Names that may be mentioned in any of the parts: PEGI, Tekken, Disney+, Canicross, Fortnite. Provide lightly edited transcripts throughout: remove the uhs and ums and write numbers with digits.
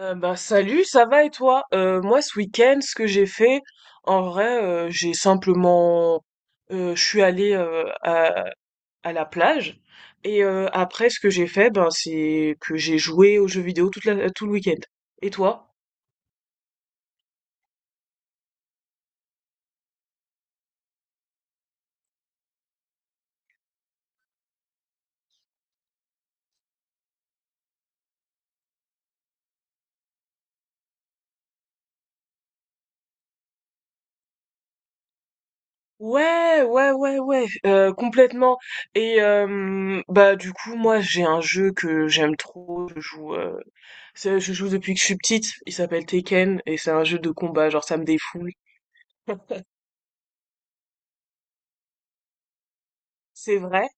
Bah salut, ça va et toi? Moi ce week-end, ce que j'ai fait, en vrai, j'ai simplement, je suis allée à la plage et après ce que j'ai fait, ben c'est que j'ai joué aux jeux vidéo tout le week-end. Et toi? Ouais, ouais, ouais, ouais, complètement. Et bah du coup, moi j'ai un jeu que j'aime trop. Je joue, je joue depuis que je suis petite. Il s'appelle Tekken et c'est un jeu de combat. Genre ça me défoule. C'est vrai?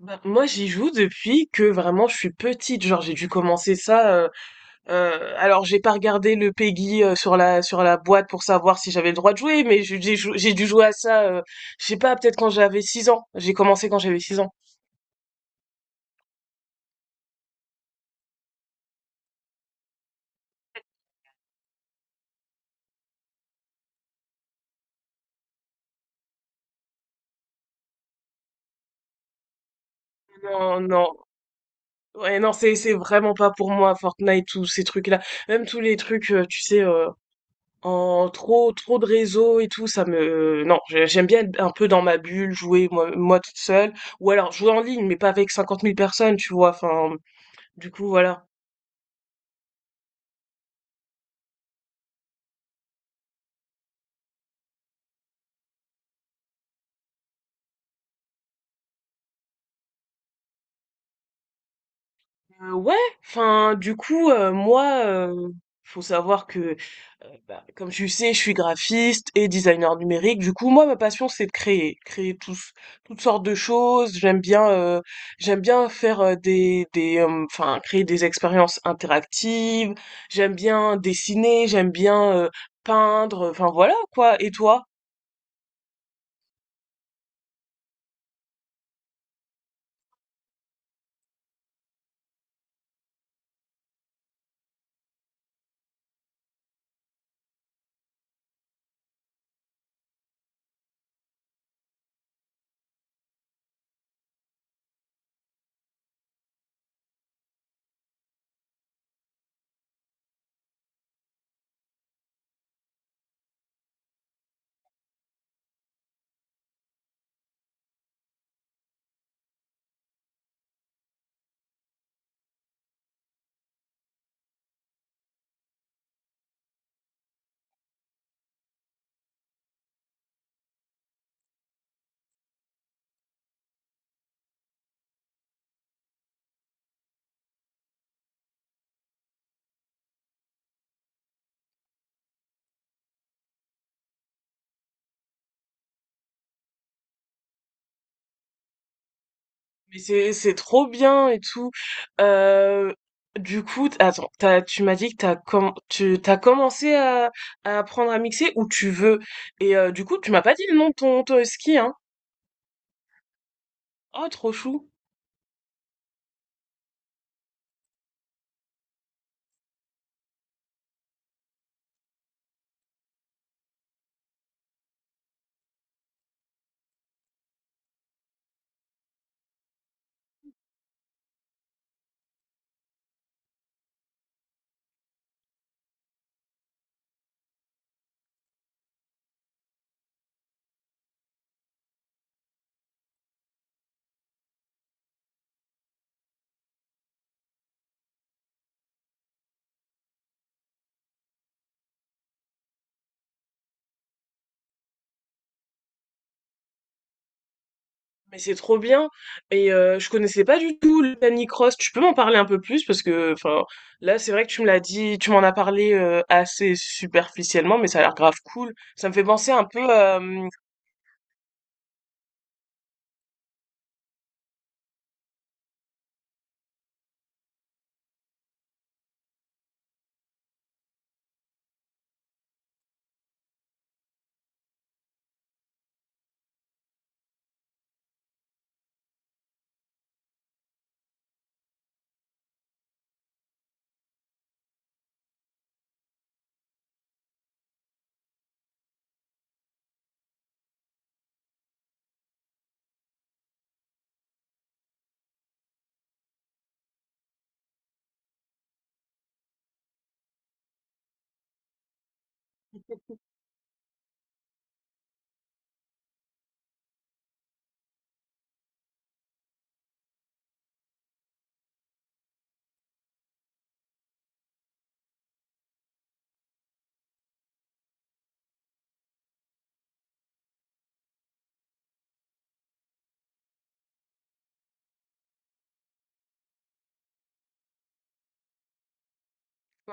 Bah, moi, j'y joue depuis que vraiment je suis petite. Genre, j'ai dû commencer ça. Alors, j'ai pas regardé le PEGI sur la boîte pour savoir si j'avais le droit de jouer, mais j'ai dû jouer à ça. Je sais pas, peut-être quand j'avais 6 ans. J'ai commencé quand j'avais 6 ans. Non, non. Ouais, non, c'est vraiment pas pour moi Fortnite, tous ces trucs-là. Même tous les trucs, tu sais. En trop trop de réseaux et tout, ça me non, j'aime bien être un peu dans ma bulle, jouer moi toute seule, ou alors jouer en ligne, mais pas avec 50 000 personnes, tu vois. Enfin, du coup voilà. Ouais, enfin, du coup, moi, faut savoir que, bah, comme tu sais, je suis graphiste et designer numérique. Du coup, moi, ma passion, c'est de créer, toutes sortes de choses. J'aime bien faire enfin, créer des expériences interactives. J'aime bien dessiner. J'aime bien peindre. Enfin, voilà quoi. Et toi? Mais c'est trop bien et tout. Euh, du coup, attends, tu m'as dit que tu t'as commencé à apprendre à mixer où tu veux. Et du coup, tu m'as pas dit le nom de ton ski, hein. Oh, trop chou. Mais c'est trop bien. Et je connaissais pas du tout le Canicross. Tu peux m'en parler un peu plus parce que, enfin, là, c'est vrai que tu me l'as dit, tu m'en as parlé assez superficiellement, mais ça a l'air grave cool. Ça me fait penser un peu,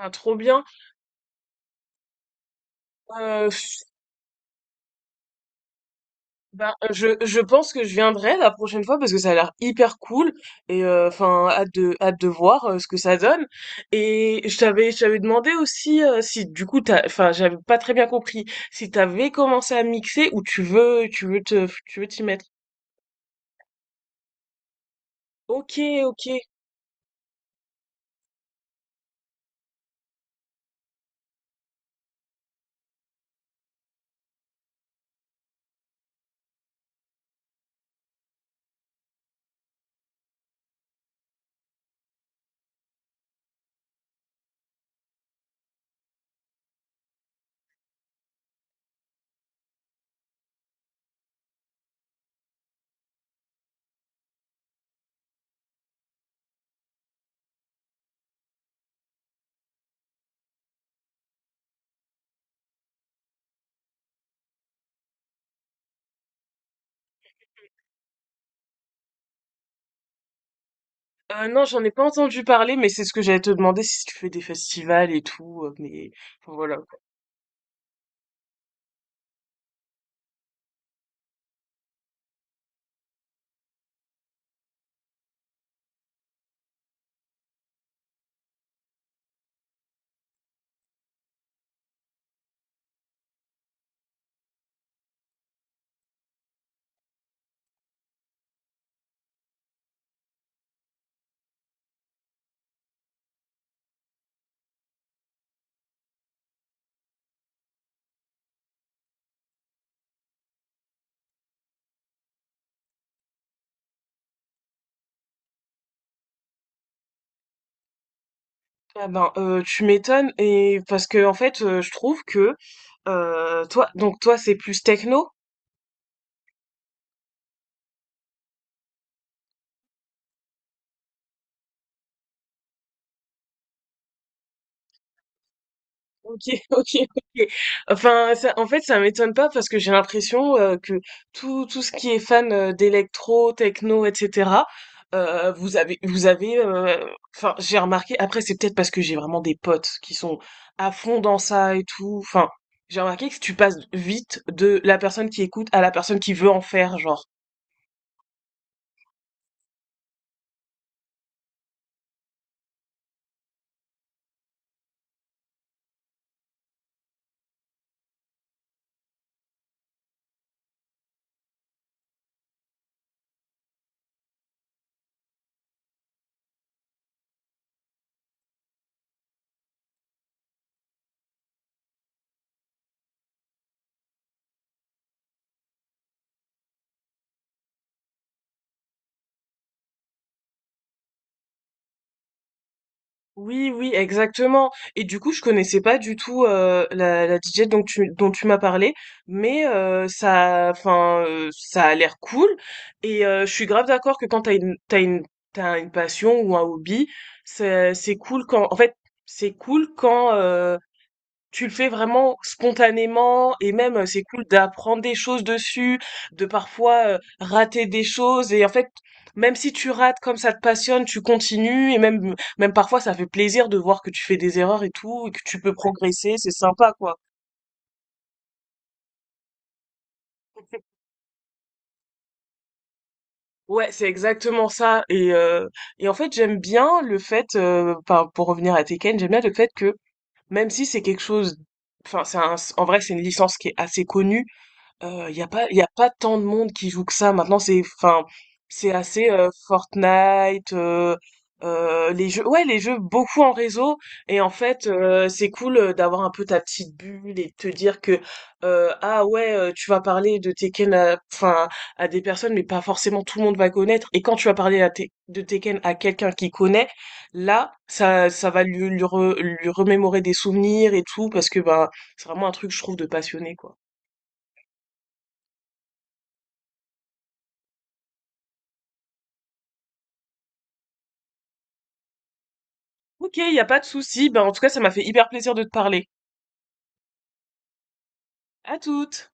à trop bien. Ben, je pense que je viendrai la prochaine fois parce que ça a l'air hyper cool et enfin hâte de voir ce que ça donne. Et je t'avais demandé aussi si du coup t'as enfin j'avais pas très bien compris si t'avais commencé à mixer ou tu veux t'y mettre. Ok, ok. Non, j'en ai pas entendu parler mais c'est ce que j'allais te demander si tu fais des festivals et tout, mais enfin, voilà. Ah ben tu m'étonnes et parce que en fait je trouve que toi donc toi c'est plus techno. Ok, ok, ok. Enfin, ça, en fait, ça m'étonne pas parce que j'ai l'impression que tout ce qui est fan d'électro, techno, etc. Vous avez, enfin, j'ai remarqué. Après, c'est peut-être parce que j'ai vraiment des potes qui sont à fond dans ça et tout. Enfin, j'ai remarqué que tu passes vite de la personne qui écoute à la personne qui veut en faire, genre. Oui, oui, exactement. Et du coup, je connaissais pas du tout la DJ dont tu m'as parlé, mais enfin, ça a l'air cool. Et je suis grave d'accord que quand t'as une passion ou un hobby, c'est cool quand, en fait, c'est cool quand tu le fais vraiment spontanément et même, c'est cool d'apprendre des choses dessus, de parfois, rater des choses et en fait, même si tu rates, comme ça te passionne, tu continues et même parfois ça fait plaisir de voir que tu fais des erreurs et tout et que tu peux, ouais, progresser, c'est sympa, quoi. Ouais, c'est exactement ça et en fait, j'aime bien le fait, enfin, pour revenir à Tekken, j'aime bien le fait que, même si c'est quelque chose, enfin, c'est un en vrai, c'est une licence qui est assez connue, il y a pas tant de monde qui joue que ça. Maintenant, enfin, c'est assez Fortnite, les jeux, ouais, les jeux beaucoup en réseau. Et en fait, c'est cool d'avoir un peu ta petite bulle et de te dire que, ah ouais, tu vas parler de Tekken, enfin, à des personnes, mais pas forcément tout le monde va connaître. Et quand tu vas parler de Tekken à quelqu'un qui connaît, là, ça va lui remémorer des souvenirs et tout, parce que, ben, c'est vraiment un truc, je trouve, de passionné, quoi. Ok, il n'y a pas de souci. Ben, en tout cas, ça m'a fait hyper plaisir de te parler. À toutes!